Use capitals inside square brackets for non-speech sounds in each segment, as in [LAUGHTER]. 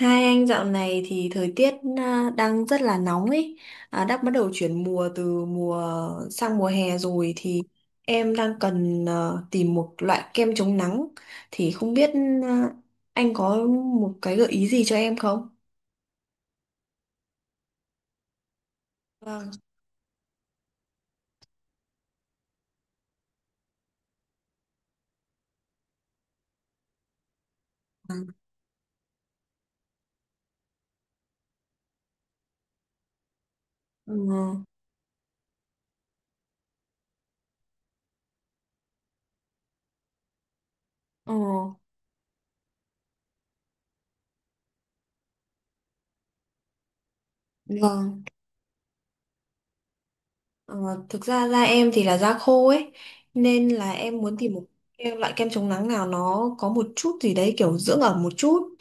Hai anh dạo này thì thời tiết đang rất là nóng ấy, đã bắt đầu chuyển mùa từ mùa sang mùa hè rồi thì em đang cần tìm một loại kem chống nắng thì không biết à, anh có một cái gợi ý gì cho em không? Vâng. Ừ. Ờ. Vâng. Ờ, Thực ra da em thì là da khô ấy nên là em muốn tìm một cái loại kem chống nắng nào nó có một chút gì đấy kiểu dưỡng ẩm một chút,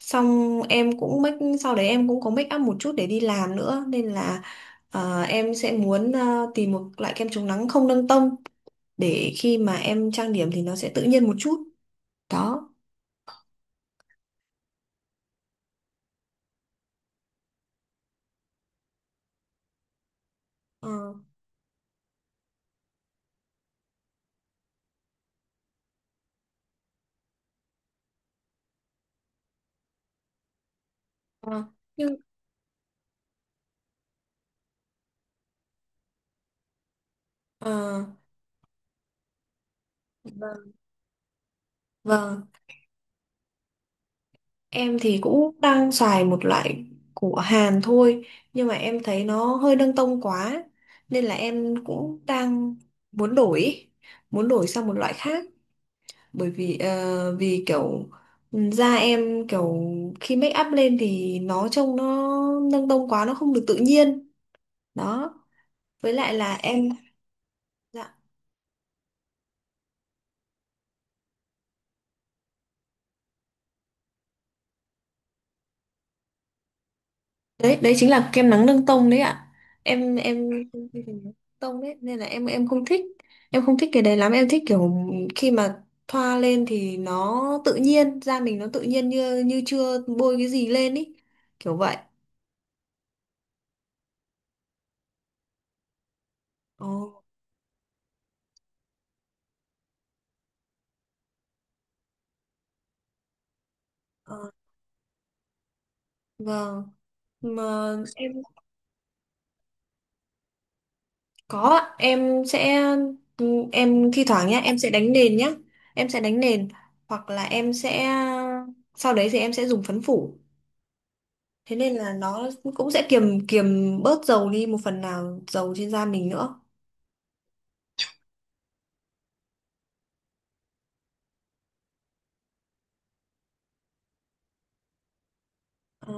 xong em cũng make sau đấy em cũng có make up một chút để đi làm nữa, nên là em sẽ muốn tìm một loại kem chống nắng không nâng tông để khi mà em trang điểm thì nó sẽ tự nhiên một chút đó. Ờ. Ờ. Nhưng ờ, vâng, vâng. Em thì cũng đang xài một loại của Hàn thôi nhưng mà em thấy nó hơi nâng tông quá nên là em cũng đang muốn đổi muốn đổi sang một loại khác, bởi vì vì kiểu da em kiểu khi make up lên thì nó trông nó nâng tông quá, nó không được tự nhiên đó, với lại là em. Dạ. Đấy đấy chính là kem nắng nâng tông đấy ạ. Em tông đấy nên là em không thích, em không thích cái đấy lắm, em thích kiểu khi mà thoa lên thì nó tự nhiên, da mình nó tự nhiên như như chưa bôi cái gì lên ý, kiểu vậy. Ồ. Ờ. Vâng, mà em có ạ. Em sẽ, em thi thoảng nhá em sẽ đánh nền nhá, em sẽ đánh nền hoặc là em sẽ sau đấy thì em sẽ dùng phấn phủ, thế nên là nó cũng sẽ kiềm kiềm bớt dầu đi, một phần nào dầu trên da mình nữa. Ờ,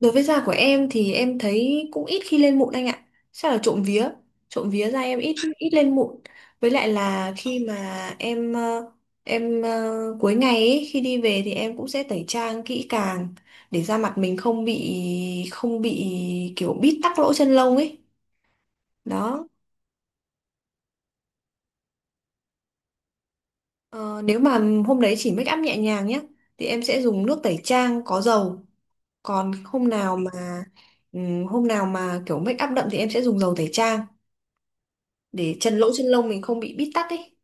Đối với da của em thì em thấy cũng ít khi lên mụn anh ạ, chắc là trộm vía, trộm vía da em ít ít lên mụn, với lại là khi mà em em cuối ngày ấy, khi đi về thì em cũng sẽ tẩy trang kỹ càng để da mặt mình không bị kiểu bít tắc lỗ chân lông ấy đó. Ờ, Nếu mà hôm đấy chỉ make up nhẹ nhàng nhé thì em sẽ dùng nước tẩy trang có dầu, còn hôm nào mà kiểu make up đậm thì em sẽ dùng dầu tẩy trang để chân lỗ chân lông mình không bị bít tắc ấy,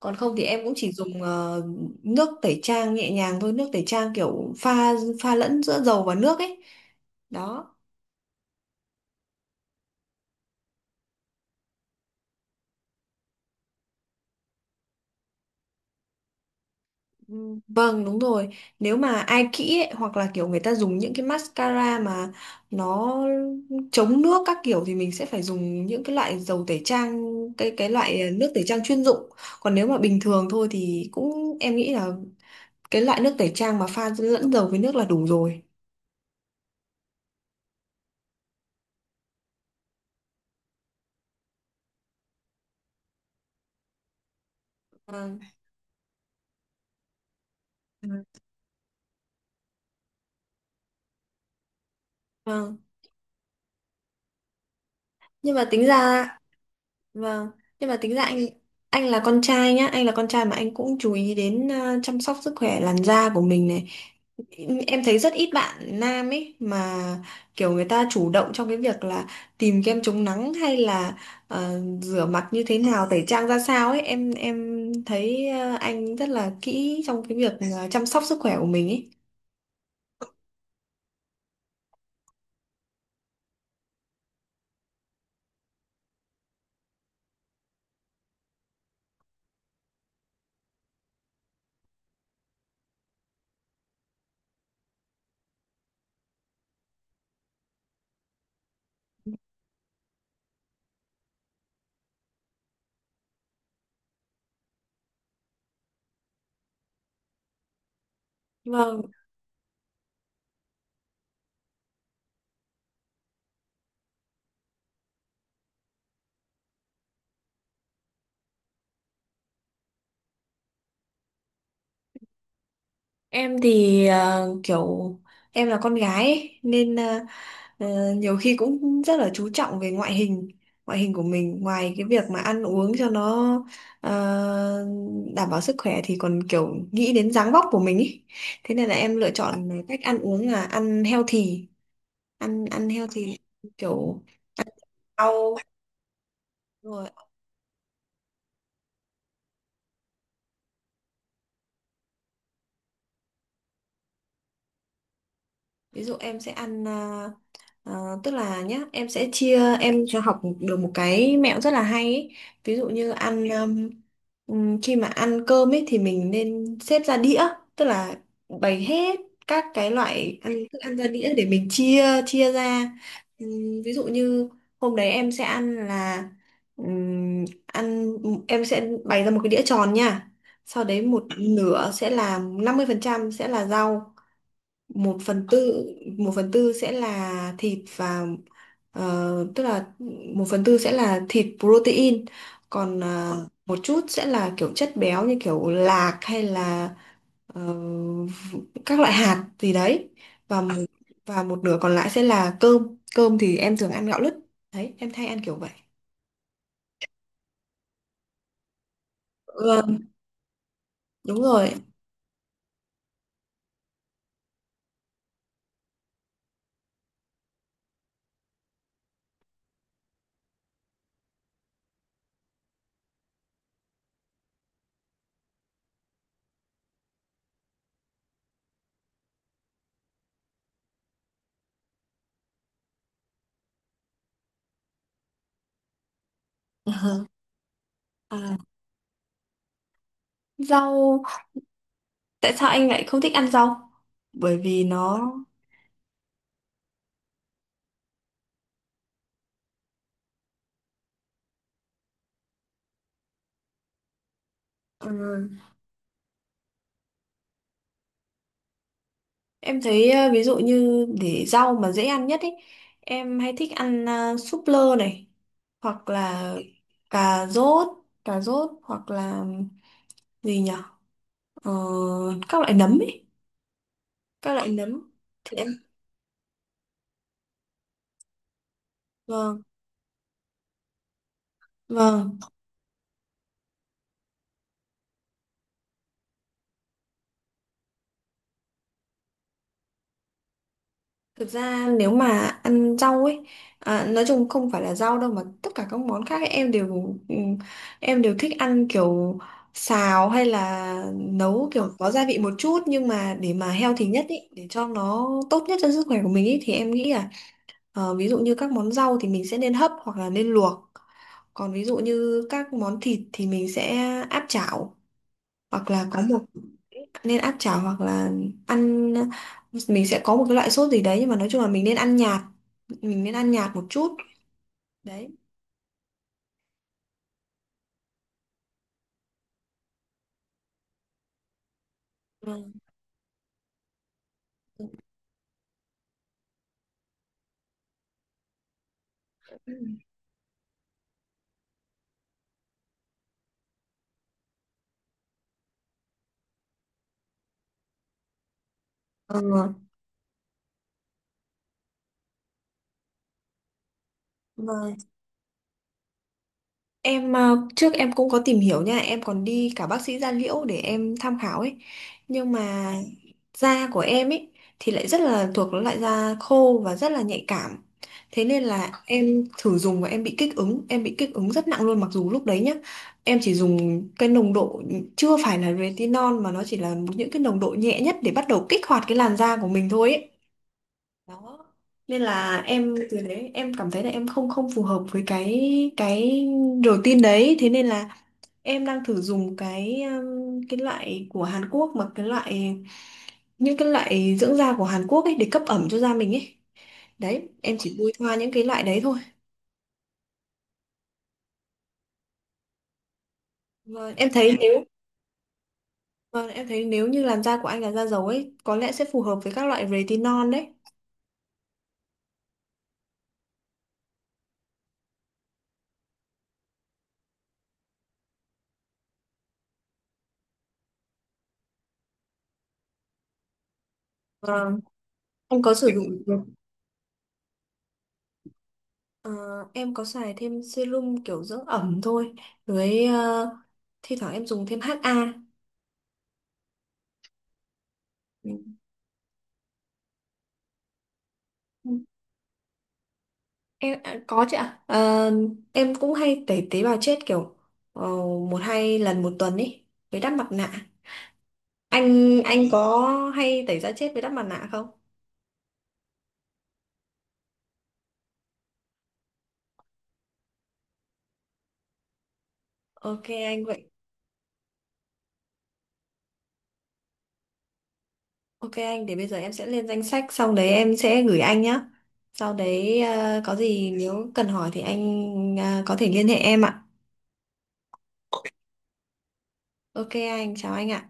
còn không thì em cũng chỉ dùng nước tẩy trang nhẹ nhàng thôi, nước tẩy trang kiểu pha pha lẫn giữa dầu và nước ấy đó. Ừ. Vâng, đúng rồi. Nếu mà ai kỹ ấy, hoặc là kiểu người ta dùng những cái mascara mà nó chống nước các kiểu thì mình sẽ phải dùng những cái loại dầu tẩy trang, cái loại nước tẩy trang chuyên dụng, còn nếu mà bình thường thôi thì cũng em nghĩ là cái loại nước tẩy trang mà pha lẫn dầu với nước là đủ rồi. Vâng. Vâng. Nhưng mà tính ra, vâng, nhưng mà tính ra anh là con trai nhá, anh là con trai mà anh cũng chú ý đến chăm sóc sức khỏe làn da của mình này. Em thấy rất ít bạn nam ấy mà kiểu người ta chủ động trong cái việc là tìm kem chống nắng hay là rửa mặt như thế nào, tẩy trang ra sao ấy, em thấy anh rất là kỹ trong cái việc chăm sóc sức khỏe của mình ấy. Vâng, em thì kiểu em là con gái ấy, nên nhiều khi cũng rất là chú trọng về ngoại hình, ngoại hình của mình, ngoài cái việc mà ăn uống cho nó ờ, đảm bảo sức khỏe thì còn kiểu nghĩ đến dáng vóc của mình ý. Thế nên là em lựa chọn cách ăn uống là ăn healthy, ăn ăn healthy kiểu rau, đúng rồi. Ví dụ em sẽ ăn tức là nhá em sẽ em cho học được một cái mẹo rất là hay ấy. Ví dụ như ăn khi mà ăn cơm ấy thì mình nên xếp ra đĩa, tức là bày hết các cái loại ăn thức ăn ra đĩa để mình chia chia ra. Ví dụ như hôm đấy em sẽ ăn là ừm, ăn em sẽ bày ra một cái đĩa tròn nha, sau đấy một nửa sẽ là 50% sẽ là rau, 1/4, 1/4 sẽ là thịt và tức là 1/4 sẽ là thịt protein, còn một chút sẽ là kiểu chất béo như kiểu lạc hay là ờ, các loại hạt gì đấy, và một- và một nửa còn lại sẽ là cơm, cơm thì em thường ăn gạo lứt, đấy em thay ăn kiểu vậy. Ừ, đúng rồi. [LAUGHS] À, rau, tại sao anh lại không thích ăn rau? Bởi vì nó ừ, em thấy ví dụ như để rau mà dễ ăn nhất ấy, em hay thích ăn súp lơ này, hoặc là cà rốt, hoặc là gì nhở. Ờ, các loại nấm ấy, các loại nấm thì em, vâng, vâng. Thực ra nếu mà ăn rau ấy, nói chung không phải là rau đâu mà tất cả các món khác ấy, em đều thích ăn kiểu xào hay là nấu kiểu có gia vị một chút, nhưng mà để mà healthy nhất ý, để cho nó tốt nhất cho sức khỏe của mình ý, thì em nghĩ là ví dụ như các món rau thì mình sẽ nên hấp hoặc là nên luộc, còn ví dụ như các món thịt thì mình sẽ áp chảo hoặc là có một nên áp chảo hoặc là ăn mình sẽ có một cái loại sốt gì đấy, nhưng mà nói chung là mình nên ăn nhạt, một chút đấy. Vâng. Ừ. Vâng. Em trước em cũng có tìm hiểu nha, em còn đi cả bác sĩ da liễu để em tham khảo ấy. Nhưng mà da của em ấy thì lại rất là thuộc loại da khô và rất là nhạy cảm. Thế nên là em thử dùng và em bị kích ứng, em bị kích ứng rất nặng luôn, mặc dù lúc đấy nhá, em chỉ dùng cái nồng độ chưa phải là retinol mà nó chỉ là những cái nồng độ nhẹ nhất để bắt đầu kích hoạt cái làn da của mình thôi ấy đó. Nên là em từ đấy em cảm thấy là em không không phù hợp với cái routine đấy, thế nên là em đang thử dùng cái loại của Hàn Quốc, mà cái loại những cái loại dưỡng da của Hàn Quốc ấy để cấp ẩm cho da mình ấy, đấy em chỉ bôi thoa những cái loại đấy thôi. vâng, em thấy nếu vâng, em thấy nếu như làn da của anh là da dầu ấy có lẽ sẽ phù hợp với các loại retinol đấy. Vâng, anh có sử dụng. Ờ, em có xài thêm serum kiểu dưỡng ẩm thôi, với thi thoảng em dùng thêm HA. Ừ. Em có chứ ạ. Ờ, em cũng hay tẩy tế bào chết kiểu ờ, một hai lần một tuần ý, với đắp mặt nạ. Anh có hay tẩy da chết với đắp mặt nạ không? OK anh vậy. OK anh để bây giờ em sẽ lên danh sách xong đấy em sẽ gửi anh nhá, sau đấy có gì nếu cần hỏi thì anh có thể liên hệ em ạ. OK anh chào anh ạ.